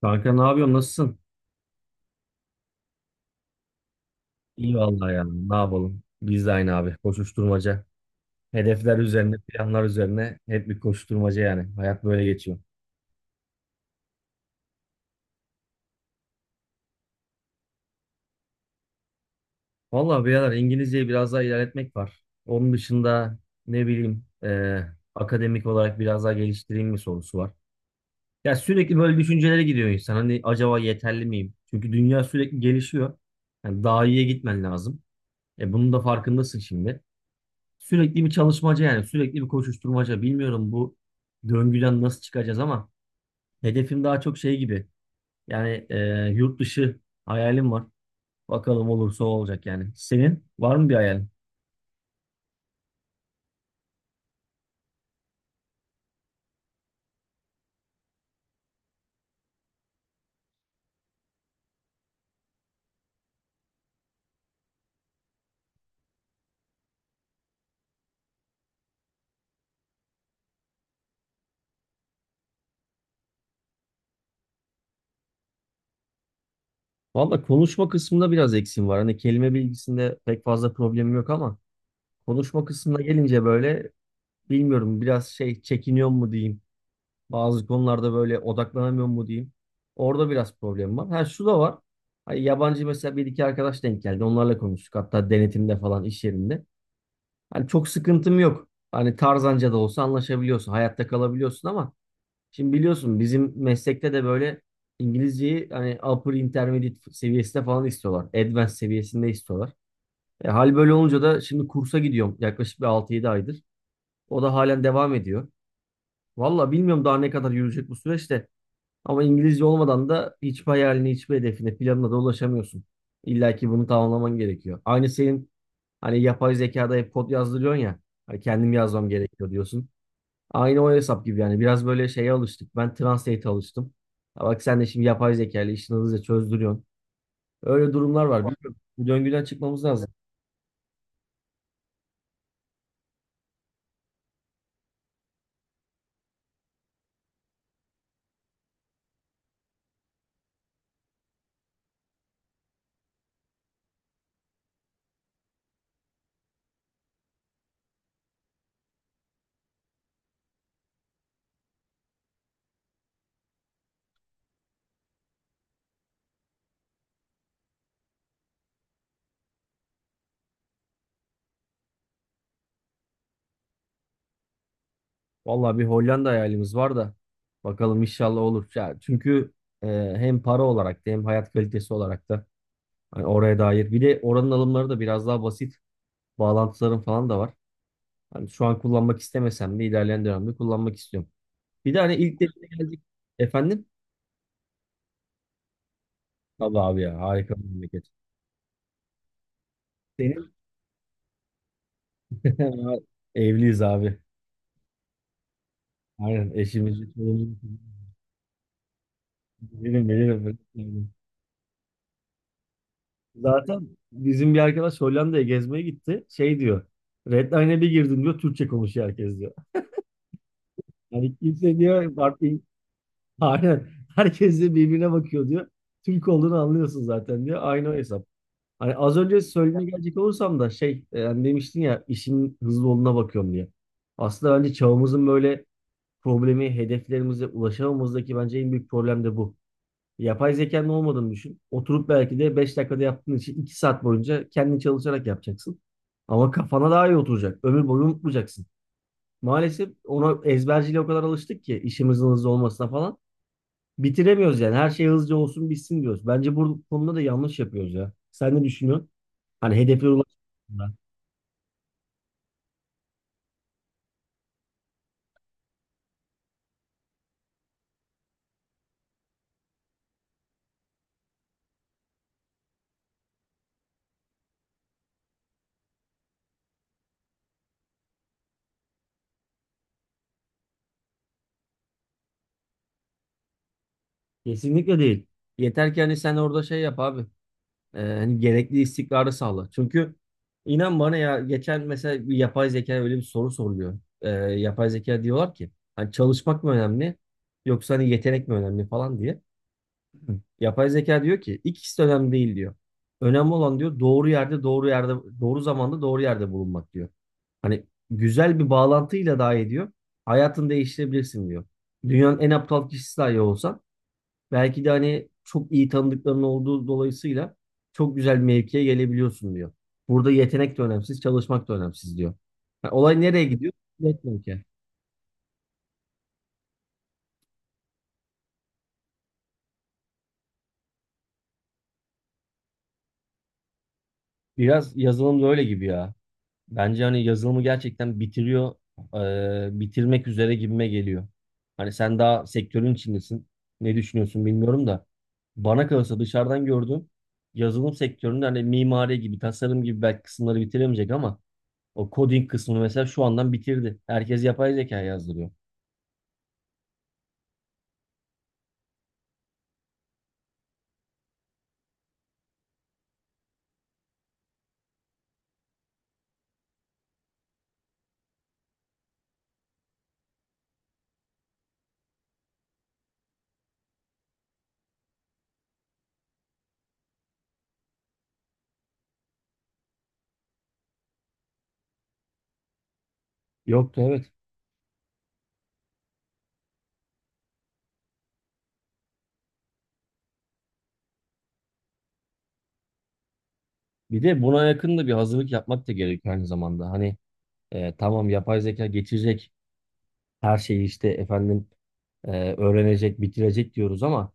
Kanka ne yapıyorsun? Nasılsın? İyi vallahi ya. Ne yapalım? Biz de aynı abi. Koşuşturmaca. Hedefler üzerine, planlar üzerine hep bir koşuşturmaca yani. Hayat böyle geçiyor. Vallahi birader İngilizceyi biraz daha ilerletmek var. Onun dışında ne bileyim akademik olarak biraz daha geliştireyim mi sorusu var. Ya sürekli böyle düşüncelere gidiyor insan. Hani acaba yeterli miyim? Çünkü dünya sürekli gelişiyor. Yani daha iyiye gitmen lazım. E bunun da farkındasın şimdi. Sürekli bir çalışmaca yani sürekli bir koşuşturmaca. Bilmiyorum bu döngüden nasıl çıkacağız ama hedefim daha çok şey gibi. Yani yurt dışı hayalim var. Bakalım olursa o olacak yani. Senin var mı bir hayalin? Valla konuşma kısmında biraz eksiğim var. Hani kelime bilgisinde pek fazla problemim yok ama konuşma kısmına gelince böyle bilmiyorum biraz şey çekiniyor mu diyeyim. Bazı konularda böyle odaklanamıyorum mu diyeyim. Orada biraz problem var. Ha şu da var. Hani yabancı mesela bir iki arkadaş denk geldi. Onlarla konuştuk. Hatta denetimde falan iş yerinde. Hani çok sıkıntım yok. Hani Tarzanca da olsa anlaşabiliyorsun. Hayatta kalabiliyorsun ama şimdi biliyorsun bizim meslekte de böyle İngilizceyi hani upper intermediate seviyesinde falan istiyorlar. Advanced seviyesinde istiyorlar. E, hal böyle olunca da şimdi kursa gidiyorum yaklaşık bir altı yedi aydır. O da halen devam ediyor. Valla bilmiyorum daha ne kadar yürüyecek bu süreçte. Ama İngilizce olmadan da hiçbir hayaline, hiçbir hedefine, planına da ulaşamıyorsun. İlla ki bunu tamamlaman gerekiyor. Aynı senin hani yapay zekada hep kod yazdırıyorsun ya. Hani kendim yazmam gerekiyor diyorsun. Aynı o hesap gibi yani. Biraz böyle şeye alıştık. Ben Translate'e alıştım. Ha bak sen de şimdi yapay zeka ile işini hızlıca çözdürüyorsun. Öyle durumlar var. Bilmiyorum. Bu döngüden çıkmamız lazım. Vallahi bir Hollanda hayalimiz var da. Bakalım inşallah olur. Ya çünkü e, hem para olarak da hem hayat kalitesi olarak da hani oraya dair. Bir de oranın alımları da biraz daha basit. Bağlantıların falan da var. Hani şu an kullanmak istemesem de ilerleyen dönemde kullanmak istiyorum. Bir de hani ilk defa geldik. Efendim? Tabii abi ya harika bir memleket. Senin evliyiz abi. Aynen eşimizi, çoluğumuzu bilirim bilirim. Bilirim. Zaten bizim bir arkadaş Hollanda'ya gezmeye gitti. Şey diyor. Redline'e bir girdim diyor. Türkçe konuşuyor herkes diyor. Hani kimse diyor farklı aynen. Herkes de birbirine bakıyor diyor. Türk olduğunu anlıyorsun zaten diyor. Aynı o hesap. Hani az önce söylediğine gelecek olursam da şey hani demiştin ya işin hızlı olduğuna bakıyorum diye. Aslında bence çağımızın böyle problemi hedeflerimize ulaşamamızdaki bence en büyük problem de bu. Yapay zekanın olmadığını düşün. Oturup belki de 5 dakikada yaptığın işi 2 saat boyunca kendin çalışarak yapacaksın. Ama kafana daha iyi oturacak. Ömür boyu unutmayacaksın. Maalesef ona ezberciyle o kadar alıştık ki işimizin hızlı olmasına falan bitiremiyoruz yani. Her şey hızlıca olsun bitsin diyoruz. Bence bu konuda da yanlış yapıyoruz ya. Sen ne düşünüyorsun? Hani hedeflere ulaşmak. Kesinlikle değil. Yeter ki hani sen orada şey yap abi. Hani gerekli istikrarı sağla. Çünkü inan bana ya geçen mesela bir yapay zeka öyle bir soru soruluyor. Yapay zeka diyorlar ki hani çalışmak mı önemli yoksa hani yetenek mi önemli falan diye. Yapay zeka diyor ki ikisi de önemli değil diyor. Önemli olan diyor doğru yerde doğru zamanda doğru yerde bulunmak diyor. Hani güzel bir bağlantıyla dahi ediyor. Hayatını değiştirebilirsin diyor. Dünyanın en aptal kişisi dahi olsan belki de hani çok iyi tanıdıkların olduğu dolayısıyla çok güzel bir mevkiye gelebiliyorsun diyor. Burada yetenek de önemsiz, çalışmak da önemsiz diyor. Yani olay nereye gidiyor? Network'e. Biraz yazılım da öyle gibi ya. Bence hani yazılımı gerçekten bitiriyor, bitirmek üzere gibime geliyor. Hani sen daha sektörün içindesin. Ne düşünüyorsun bilmiyorum da. Bana kalırsa dışarıdan gördüğüm yazılım sektöründe hani mimari gibi, tasarım gibi belki kısımları bitiremeyecek ama o coding kısmını mesela şu andan bitirdi. Herkes yapay zeka yazdırıyor. Yoktu, evet. Bir de buna yakın da bir hazırlık yapmak da gerekiyor aynı zamanda. Hani tamam yapay zeka geçecek her şeyi işte efendim öğrenecek, bitirecek diyoruz ama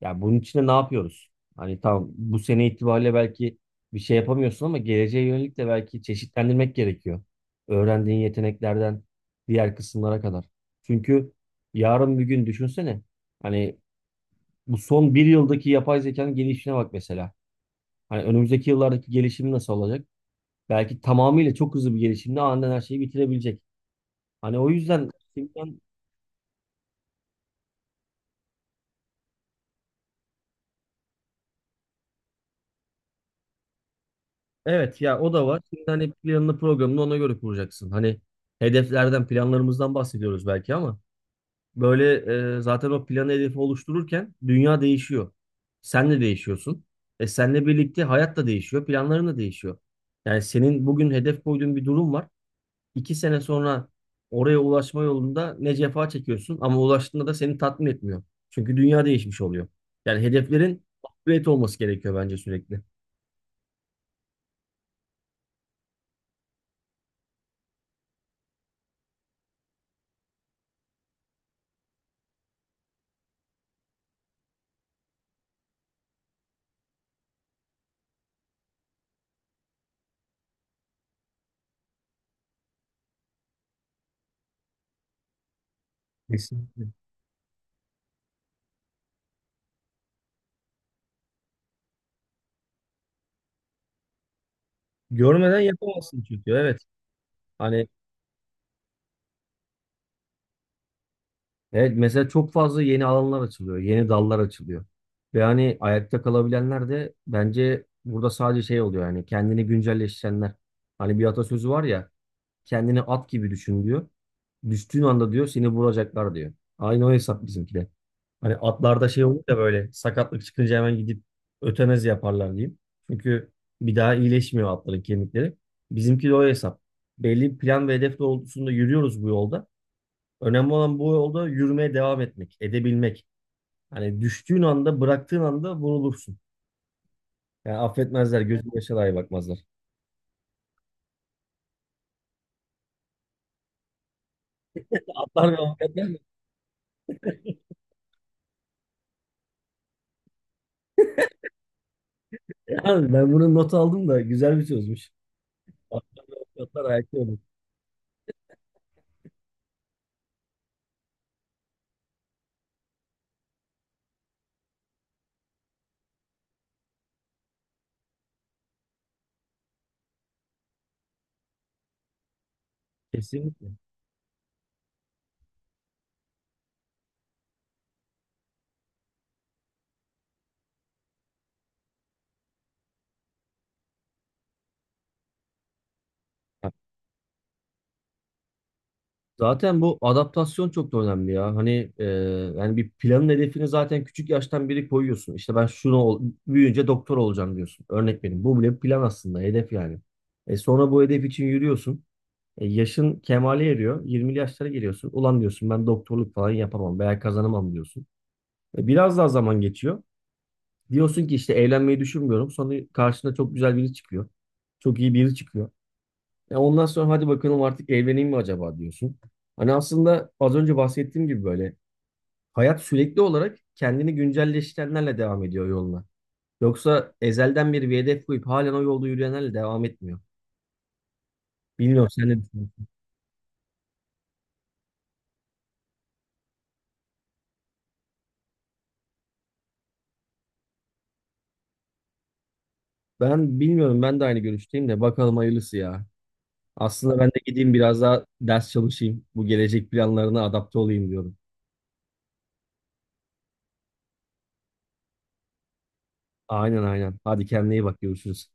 ya bunun için de ne yapıyoruz? Hani tamam bu sene itibariyle belki bir şey yapamıyorsun ama geleceğe yönelik de belki çeşitlendirmek gerekiyor. Öğrendiğin yeteneklerden diğer kısımlara kadar. Çünkü yarın bir gün düşünsene. Hani bu son bir yıldaki yapay zekanın gelişine bak mesela. Hani önümüzdeki yıllardaki gelişimi nasıl olacak? Belki tamamıyla çok hızlı bir gelişimle aniden her şeyi bitirebilecek. Hani o yüzden şimdiden evet ya o da var. Şimdi hani planını programını ona göre kuracaksın. Hani hedeflerden planlarımızdan bahsediyoruz belki ama böyle zaten o planı hedefi oluştururken dünya değişiyor. Sen de değişiyorsun. E senle birlikte hayat da değişiyor, planların da değişiyor. Yani senin bugün hedef koyduğun bir durum var. İki sene sonra oraya ulaşma yolunda ne cefa çekiyorsun ama ulaştığında da seni tatmin etmiyor. Çünkü dünya değişmiş oluyor. Yani hedeflerin upgrade olması gerekiyor bence sürekli. Kesinlikle. Görmeden yapamazsın çünkü evet. Hani evet mesela çok fazla yeni alanlar açılıyor, yeni dallar açılıyor. Ve hani ayakta kalabilenler de bence burada sadece şey oluyor yani kendini güncelleştirenler. Hani bir atasözü var ya, kendini at gibi düşün diyor. Düştüğün anda diyor seni vuracaklar diyor. Aynı o hesap bizimki de. Hani atlarda şey olur da böyle sakatlık çıkınca hemen gidip ötenazi yaparlar diyeyim. Çünkü bir daha iyileşmiyor atların kemikleri. Bizimki de o hesap. Belli bir plan ve hedef doğrultusunda yürüyoruz bu yolda. Önemli olan bu yolda yürümeye devam etmek, edebilmek. Hani düştüğün anda, bıraktığın anda vurulursun. Yani affetmezler, gözün yaşa dahi bakmazlar. Atlar ve avukatlar. Yani ben bunun notu aldım da güzel bir sözmüş. Fiyatlar ayakta olur. Kesinlikle. Ha, zaten bu adaptasyon çok da önemli ya. Hani yani bir planın hedefini zaten küçük yaştan biri koyuyorsun. İşte ben şunu büyüyünce doktor olacağım diyorsun. Örnek benim. Bu bile bir plan aslında, hedef yani. E sonra bu hedef için yürüyorsun. E, yaşın kemale eriyor. 20'li yaşlara geliyorsun. Ulan diyorsun ben doktorluk falan yapamam veya kazanamam diyorsun. E, biraz daha zaman geçiyor. Diyorsun ki işte evlenmeyi düşünmüyorum. Sonra karşına çok güzel biri çıkıyor. Çok iyi biri çıkıyor. Ya ondan sonra hadi bakalım artık evleneyim mi acaba diyorsun. Hani aslında az önce bahsettiğim gibi böyle hayat sürekli olarak kendini güncelleştirenlerle devam ediyor yoluna. Yoksa ezelden beri bir hedef koyup halen o yolda yürüyenlerle devam etmiyor. Bilmiyorum, sen ne düşünüyorsun? Ben bilmiyorum, ben de aynı görüşteyim de bakalım hayırlısı ya. Aslında ben de gideyim biraz daha ders çalışayım. Bu gelecek planlarına adapte olayım diyorum. Aynen aynen. Hadi kendine iyi bak görüşürüz.